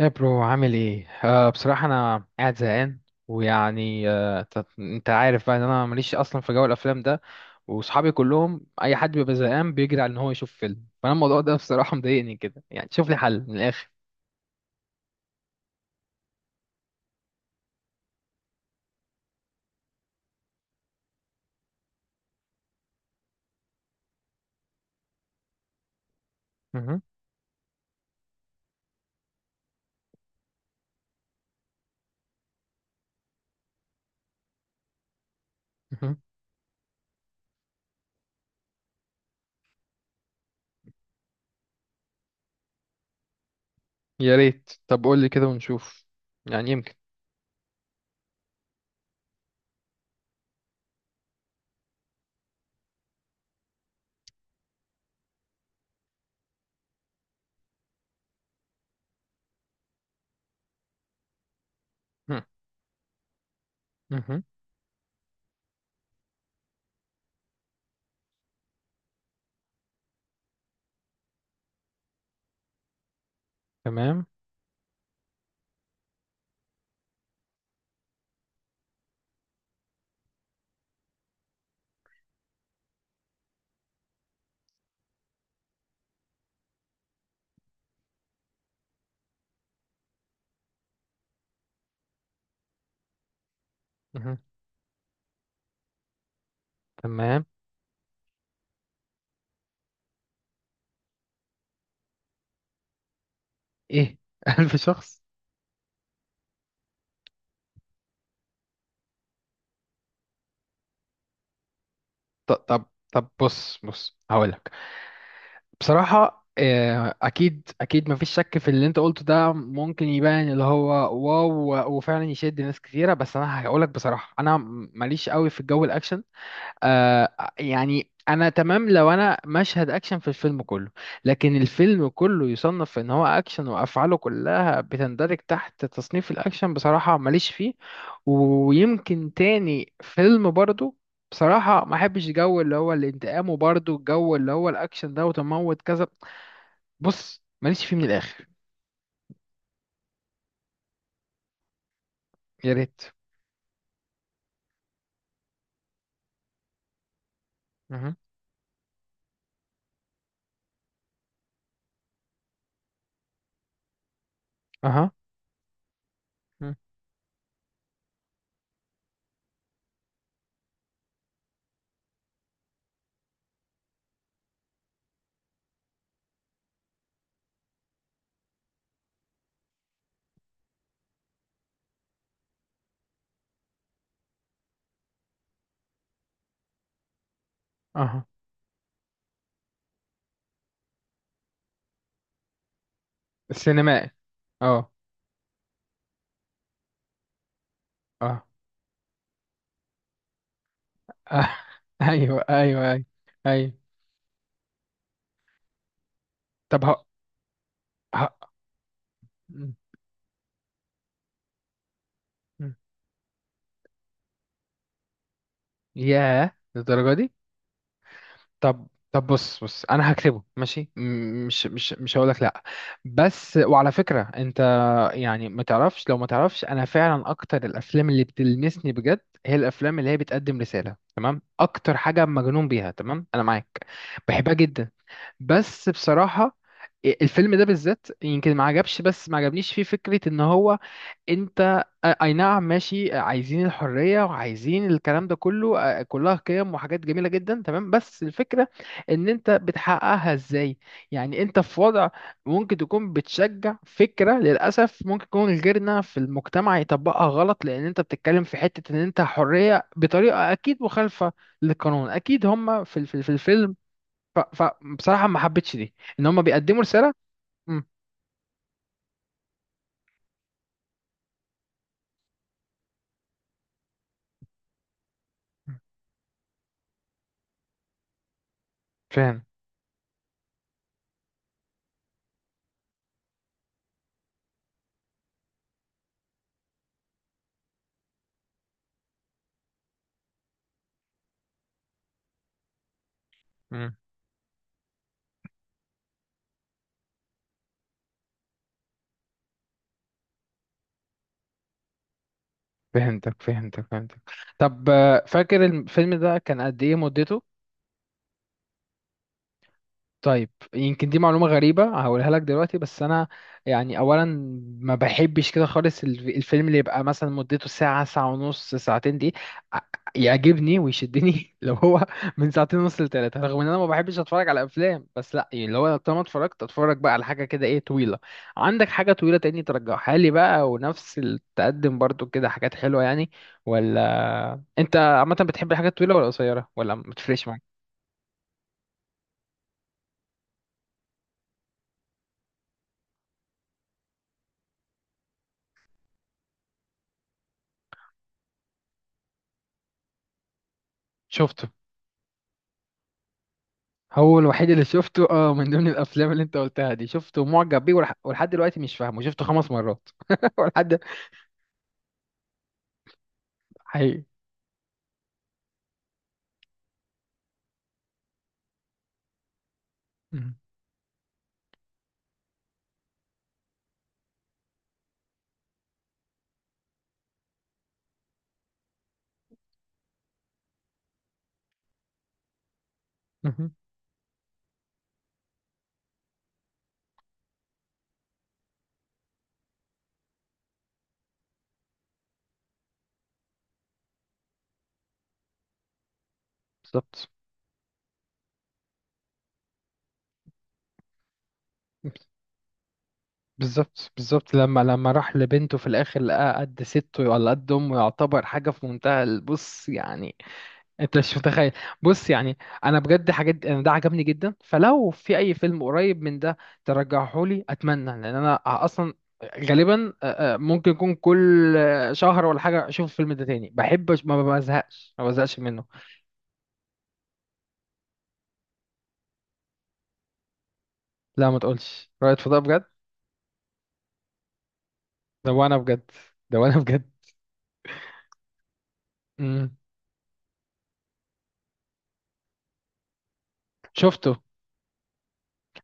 يا برو، عامل ايه؟ بصراحة انا قاعد زهقان. ويعني انت عارف بقى ان انا ماليش اصلا في جو الافلام ده. وصحابي كلهم اي حد بيبقى زهقان بيجري على ان هو يشوف فيلم، فانا الموضوع ده بصراحة مضايقني كده، يعني شوف لي حل من الاخر. مهم. مهم. يا ريت. طب قول لي كده ونشوف. يعني يمكن. مهم. مهم. تمام. مهم. تمام. ايه؟ 1000 شخص؟ طب طب، بص بص، هقولك. بصراحة أكيد أكيد مفيش شك في اللي أنت قلته ده، ممكن يبان اللي هو واو، وفعلا يشد ناس كتيرة. بس أنا هقولك بصراحة أنا ماليش قوي في الجو الأكشن. آه. يعني انا تمام لو انا مشهد اكشن في الفيلم كله، لكن الفيلم كله يصنف ان هو اكشن وافعاله كلها بتندرج تحت تصنيف الاكشن، بصراحة ماليش فيه. ويمكن تاني فيلم برضو، بصراحة ما احبش جو اللي هو الانتقام، وبرضو الجو اللي هو الاكشن ده وتموت كذا، بص ماليش فيه من الاخر. يا ريت. اها. اها. مم. اها. السينمائي. اه. اه. آه. ايوه ايوه ايوه. ايوه. طب ه... مم. مم. ياه للدرجة دي. طب طب، بص بص، انا هكتبه ماشي. مش هقول لك لا. بس وعلى فكرة انت، يعني ما تعرفش، لو ما تعرفش انا فعلا اكتر الافلام اللي بتلمسني بجد هي الافلام اللي هي بتقدم رسالة، اكتر حاجة مجنون بيها، تمام؟ انا معاك، بحبها جدا. بس بصراحة الفيلم ده بالذات يمكن ما عجبش، بس ما عجبنيش فيه فكرة ان هو انت اي نعم ماشي عايزين الحرية وعايزين الكلام ده كله كلها قيم وحاجات جميلة جدا تمام، بس الفكرة ان انت بتحققها ازاي. يعني انت في وضع ممكن تكون بتشجع فكرة للأسف ممكن يكون غيرنا في المجتمع يطبقها غلط، لان انت بتتكلم في حتة ان انت حرية بطريقة اكيد مخالفة للقانون، اكيد هم في الفيلم. فبصراحة ما حبيتش دي، ان هم بيقدموا رسالة. مم. فاهم. فهمتك. فهمتك. فهمتك. طب فاكر الفيلم ده كان قد ايه مدته؟ طيب يمكن دي معلومة غريبة هقولها لك دلوقتي، بس أنا يعني أولا ما بحبش كده خالص الفيلم اللي يبقى مثلا مدته ساعة، ساعة ونص، ساعتين دي ع- يعجبني ويشدني لو هو من ساعتين ونص لتلاتة، رغم إن أنا ما بحبش أتفرج على أفلام، بس لأ يعني لو أنا طالما اتفرجت أتفرج بقى على حاجة كده إيه، طويلة. عندك حاجة طويلة تاني ترجعها لي بقى ونفس التقدم برضو كده، حاجات حلوة يعني؟ ولا أنت عامة بتحب الحاجات الطويلة ولا قصيرة ولا ما بتفرقش معاك؟ شفته. هو الوحيد اللي شفته، اه، من ضمن الافلام اللي انت قلتها دي، شفته، معجب بيه، ولحد دلوقتي مش فاهمه، شفته 5 مرات ولحد. حقيقي. مم. مم. بالظبط. بالظبط بالظبط، لما راح لبنته في الاخر لقاها قد سته ولا قد امه، يعتبر حاجه في منتهى البص يعني، انت مش متخيل. بص يعني انا بجد حاجات، انا ده عجبني جدا، فلو في اي فيلم قريب من ده ترجعه لي، اتمنى، لان انا اصلا غالبا ممكن يكون كل شهر ولا حاجه اشوف الفيلم ده تاني. بحب ما بزهقش ما بزهقش منه. لا ما تقولش رائد فضاء بجد. ده وانا بجد. ده وانا بجد. امم. شفته.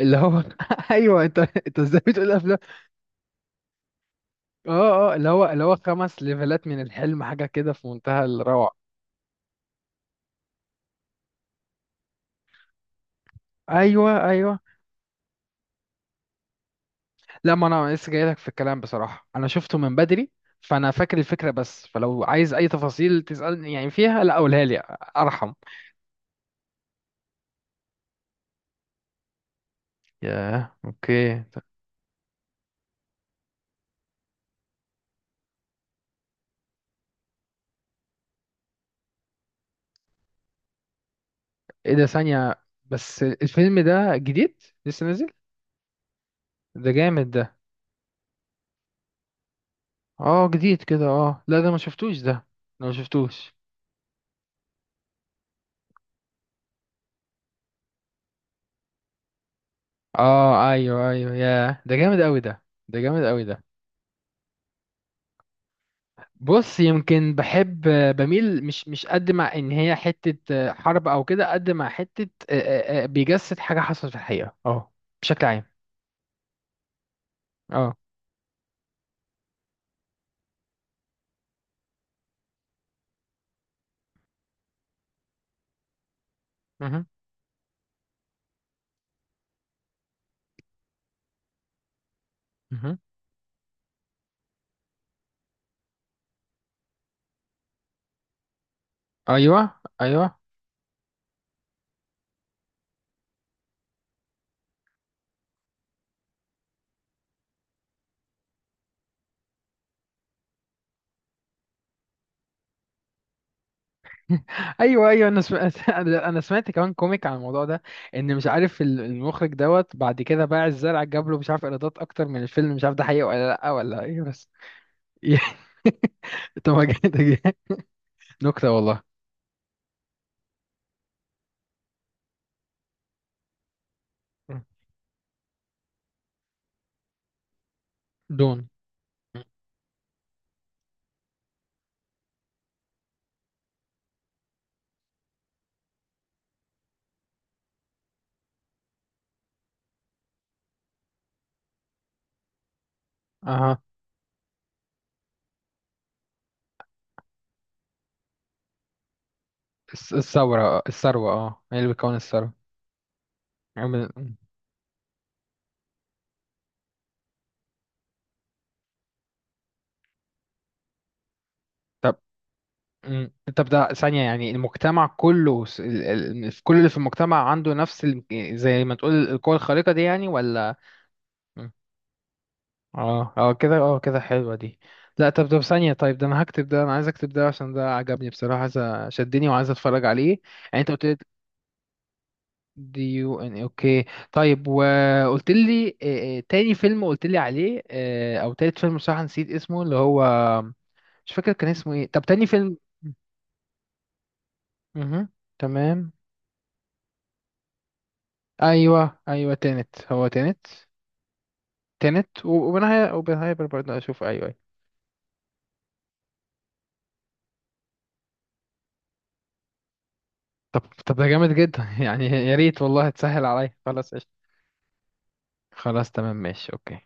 اللي هو ايوه. انت ازاي بتقول افلام. اه اه، اللي هو 5 ليفلات من الحلم، حاجه كده في منتهى الروعه. ايوه ايوه. لا ما انا لسه جاي لك في الكلام، بصراحه انا شفته من بدري، فانا فاكر الفكره بس، فلو عايز اي تفاصيل تسالني يعني فيها، لا قولها لي، ارحم. ياه، اوكي. طب، ايه ده؟ ثانيه بس، الفيلم ده جديد؟ لسه نازل؟ ده جامد ده. اه جديد كده. اه لا ده ما شفتوش ده. انا ما شفتوش. اه ايوه ايوه، ياه، ده جامد قوي ده، ده جامد قوي ده. بص يمكن بحب، بميل، مش قد، مع ان هي حتة حرب او كده، قد مع حتة بيجسد حاجة حصلت في الحقيقة، اه، بشكل عام. اه. مهم. مهم. ايوه ايوه ايوه ايوه، انا سمعت انا سمعت كمان كوميك عن الموضوع ده، ان مش عارف المخرج دوت بعد كده باع الزرع، جاب له مش عارف ايرادات اكتر من الفيلم، مش عارف ده حقيقة ولا لا ولا ايه، بس. طب ما جامد-. نكتة والله. دون. اها. الثورة، الثروة، اه، هي اللي بتكون الثروة. عم- طب. مم. طب ده ثانية، يعني المجتمع كله في كل اللي في المجتمع عنده نفس زي ما تقول القوة الخارقة دي، يعني ولا؟ مم. اه، اه كده، اه كده حلوة دي. لا طب ده ثانية، طيب، ده انا هكتب ده، انا عايز اكتب ده عشان ده عجبني بصراحة، عايز شدني وعايز اتفرج عليه. يعني انت قلت لي. DUN. اوكي. طيب وقلت لي تاني فيلم قلت لي عليه او تالت فيلم، بصراحة نسيت اسمه اللي هو، مش فاكر كان اسمه ايه. طب تاني فيلم؟ امم. تمام. ايوه ايوه، تانت، هو تانت. تانت وبنهاية وبنهاية برضه اشوف، ايوه ايوه. طب طب، ده جامد جدا يعني يا ريت والله، تسهل عليا، خلاص قشطة. خلاص تمام ماشي اوكي.